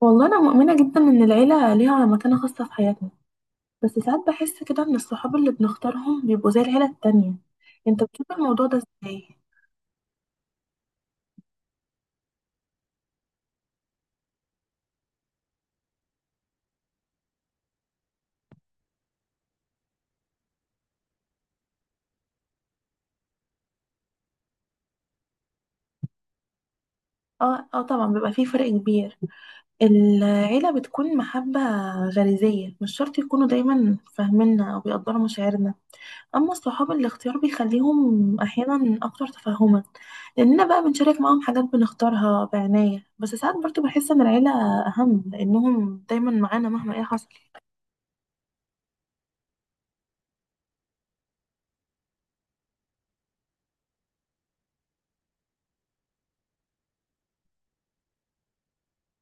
والله أنا مؤمنة جدا إن العيلة ليها مكانة خاصة في حياتنا، بس ساعات بحس كده إن الصحاب اللي بنختارهم بيبقوا زي العيلة التانية. أنت بتشوف الموضوع ده إزاي؟ اه اه، طبعا بيبقى فيه فرق كبير. العيلة بتكون محبة غريزية، مش شرط يكونوا دايما فاهميننا أو بيقدروا مشاعرنا. أما الصحاب، الاختيار بيخليهم أحيانا أكتر تفهما، لأننا بقى بنشارك معاهم حاجات بنختارها بعناية. بس ساعات برضه بحس إن العيلة أهم، لأنهم دايما معانا مهما إيه حصل.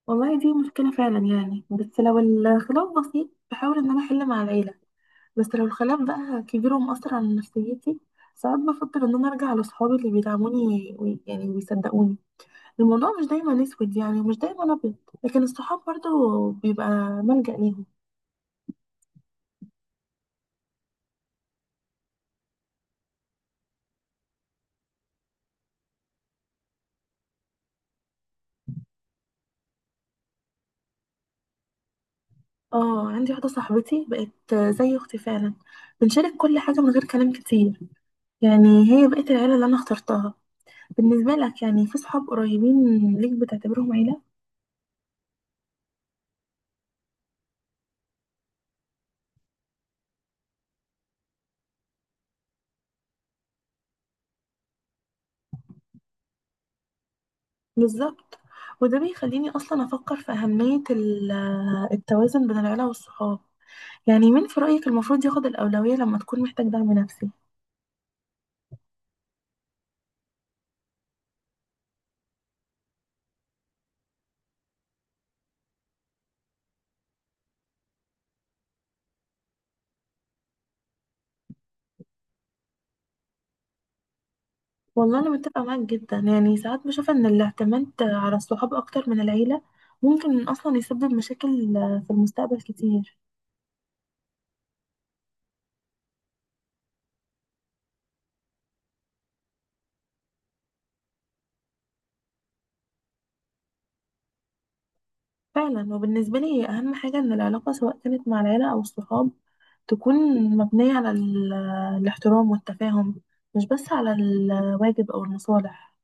والله دي مشكلة فعلا، يعني بس لو الخلاف بسيط بحاول ان انا احل مع العيلة. بس لو الخلاف بقى كبير ومؤثر على نفسيتي، ساعات بفكر ان انا ارجع لصحابي اللي بيدعموني يعني ويصدقوني. الموضوع مش دايما اسود يعني ومش دايما ابيض، لكن الصحاب برضو بيبقى ملجأ ليهم. اه، عندي واحدة صاحبتي بقت زي اختي فعلا. بنشارك كل حاجة من غير كلام كتير. يعني هي بقت العيلة اللي انا اخترتها. بالنسبة لك، يعني في صحاب قريبين ليك بتعتبرهم عيلة؟ بالظبط. وده بيخليني أصلا أفكر في أهمية التوازن بين العيلة والصحاب. يعني مين في رأيك المفروض ياخد الأولوية لما تكون محتاج دعم نفسي؟ والله أنا متفقة معاك جدا، يعني ساعات بشوف إن الاعتماد على الصحاب أكتر من العيلة ممكن أصلا يسبب مشاكل في المستقبل كتير. فعلا، وبالنسبة لي أهم حاجة إن العلاقة، سواء كانت مع العيلة أو الصحاب، تكون مبنية على الاحترام والتفاهم، مش بس على الواجب أو المصالح.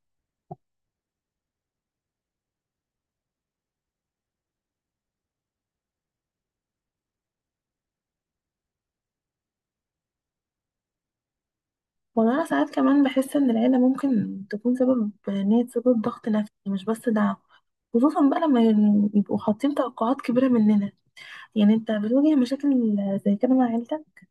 والله أنا ساعات كمان بحس إن العيلة ممكن تكون سبب، إن هي تسبب ضغط نفسي مش بس دعم، خصوصا بقى لما يبقوا حاطين توقعات كبيرة مننا. يعني أنت بتواجه مشاكل زي كده مع عيلتك؟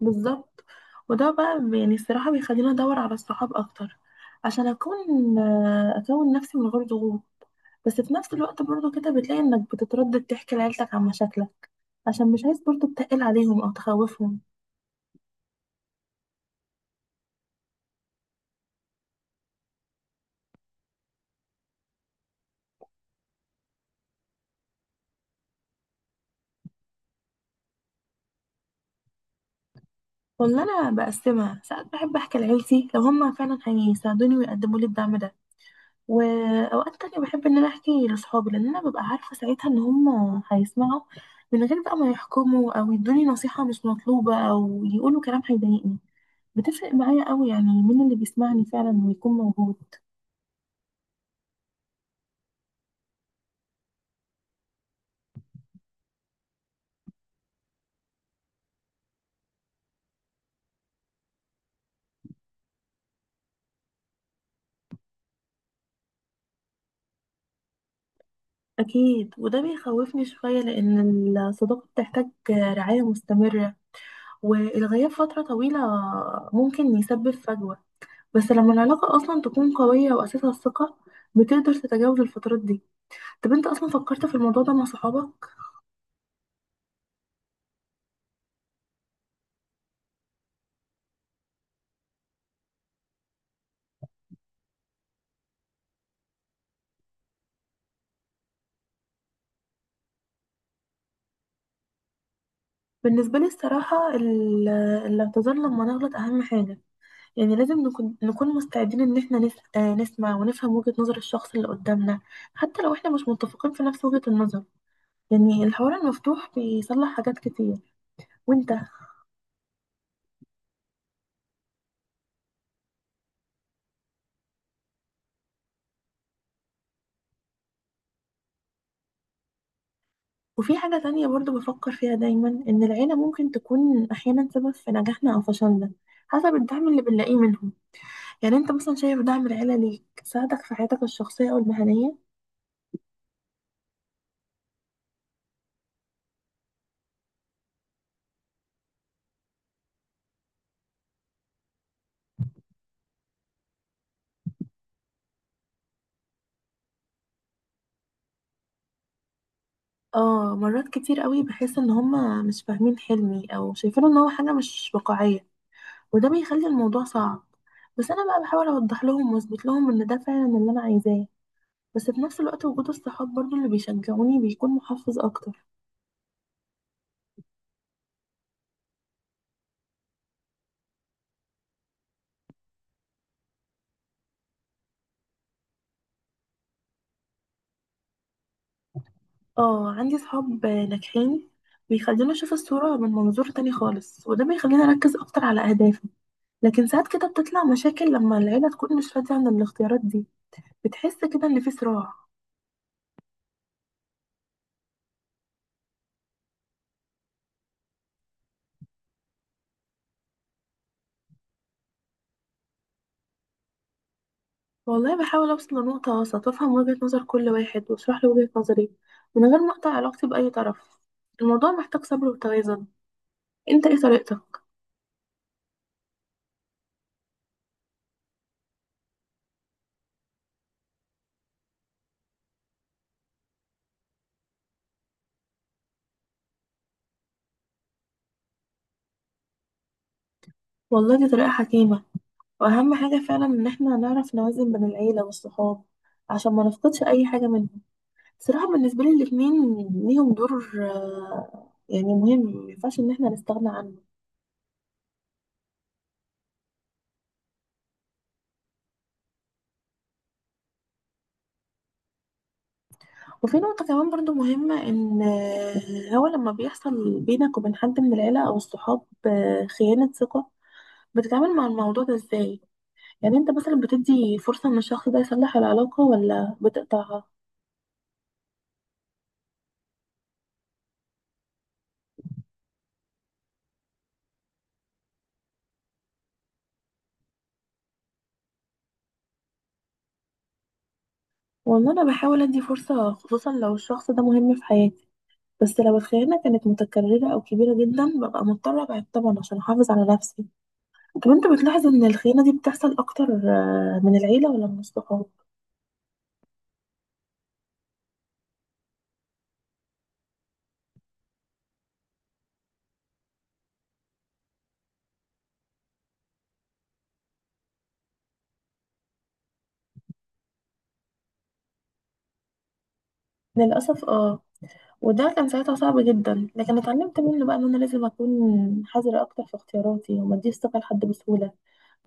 بالظبط. وده بقى يعني الصراحة بيخليني أدور على الصحاب أكتر، عشان أكون أكون نفسي من غير ضغوط. بس في نفس الوقت برضو كده بتلاقي إنك بتتردد تحكي لعيلتك عن مشاكلك، عشان مش عايز برضو تتقل عليهم أو تخوفهم. والله انا بقسمها، ساعات بحب احكي لعيلتي لو هم فعلا هيساعدوني ويقدموا لي الدعم ده، واوقات تانية بحب ان انا احكي لاصحابي، لان انا ببقى عارفه ساعتها ان هم هيسمعوا من غير بقى ما يحكموا او يدوني نصيحه مش مطلوبه او يقولوا كلام هيضايقني. بتفرق معايا قوي يعني مين اللي بيسمعني فعلا ويكون موجود. اكيد، وده بيخوفني شويه لان الصداقه بتحتاج رعايه مستمره، والغياب فتره طويله ممكن يسبب فجوه. بس لما العلاقة أصلا تكون قوية وأساسها الثقة، بتقدر تتجاوز الفترات دي. طب أنت أصلا فكرت في الموضوع ده مع صحابك؟ بالنسبة لي الصراحة الاعتذار لما نغلط أهم حاجة. يعني لازم نكون مستعدين إن احنا نس... آه، نسمع ونفهم وجهة نظر الشخص اللي قدامنا، حتى لو احنا مش متفقين في نفس وجهة النظر. يعني الحوار المفتوح بيصلح حاجات كتير. وانت؟ وفي حاجة تانية برضو بفكر فيها دايما، إن العيلة ممكن تكون أحيانا سبب في نجاحنا أو فشلنا، حسب الدعم اللي بنلاقيه منهم. يعني انت مثلا شايف دعم العيلة ليك ساعدك في حياتك الشخصية او المهنية؟ اه، مرات كتير قوي بحس ان هما مش فاهمين حلمي او شايفينه ان هو حاجة مش واقعية، وده بيخلي الموضوع صعب. بس انا بقى بحاول اوضح لهم واثبت لهم ان ده فعلا اللي انا عايزاه. بس في نفس الوقت وجود الصحاب برضو اللي بيشجعوني بيكون محفز اكتر. اه، عندي صحاب ناجحين بيخليني اشوف الصورة من منظور تاني خالص، وده بيخليني اركز اكتر على اهدافي. لكن ساعات كده بتطلع مشاكل لما العيلة تكون مش راضية عن الاختيارات دي. بتحس كده ان في صراع؟ والله بحاول اوصل لنقطة وسط وافهم وجهة نظر كل واحد واشرح له وجهة نظري، من غير ما اقطع علاقتي بأي طرف. الموضوع محتاج صبر وتوازن. انت ايه طريقتك؟ والله دي طريقة حكيمة. واهم حاجة فعلا ان احنا نعرف نوازن بين العيلة والصحاب، عشان ما نفقدش اي حاجة منهم. صراحة بالنسبة لي الاتنين ليهم دور يعني مهم، مينفعش ان احنا نستغنى عنه. وفي نقطة كمان برضو مهمة، إن هو لما بيحصل بينك وبين حد من العيلة أو الصحاب خيانة ثقة، بتتعامل مع الموضوع ده إزاي؟ يعني أنت مثلا بتدي فرصة إن الشخص ده يصلح العلاقة ولا بتقطعها؟ وإن أنا بحاول أدي فرصة، خصوصا لو الشخص ده مهم في حياتي. بس لو الخيانة كانت متكررة أو كبيرة جدا، ببقى مضطرة أبعد طبعا عشان أحافظ على نفسي. طب أنت بتلاحظ إن الخيانة دي بتحصل أكتر من العيلة ولا من الصحاب؟ للأسف اه. وده كان ساعتها صعب جدا، لكن اتعلمت منه بقى ان انا لازم اكون حذرة اكتر في اختياراتي وما اديش ثقة لحد بسهولة.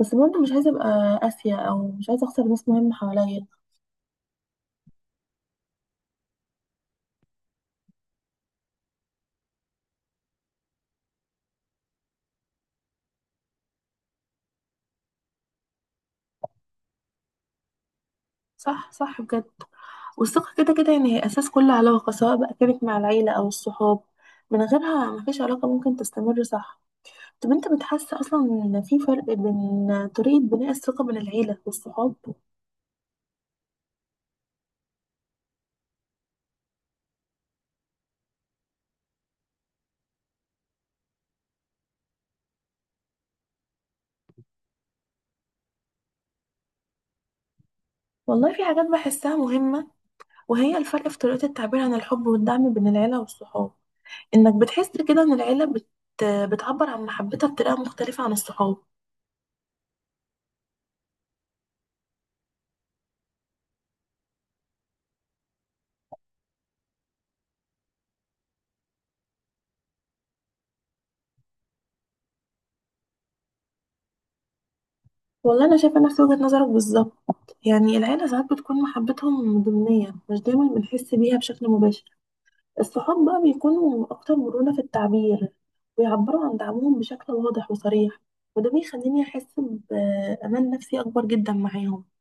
بس برضه مش عايزة ابقى قاسية او مش عايزة اخسر ناس مهمة حواليا. صح صح، بجد. والثقة كده كده يعني هي اساس كل علاقة، سواء بقى كانت مع العيلة او الصحاب، من غيرها مفيش علاقة ممكن تستمر. صح؟ طب انت بتحس اصلا ان في فرق بين طريقة بناء الثقة بين العيلة والصحاب؟ والله في حاجات بحسها مهمة، وهي الفرق في طريقة التعبير عن الحب والدعم بين العيلة والصحاب. انك بتحس كده ان العيله بتعبر عن محبتها بطريقه مختلفه عن الصحاب؟ والله انا شايفه نفس وجهه نظرك بالظبط. يعني العيله ساعات بتكون محبتهم ضمنيه، مش دايما بنحس بيها بشكل مباشر. الصحاب بقى بيكونوا اكتر مرونه في التعبير، ويعبروا عن دعمهم بشكل واضح وصريح، وده بيخليني احس بامان نفسي اكبر جدا معاهم.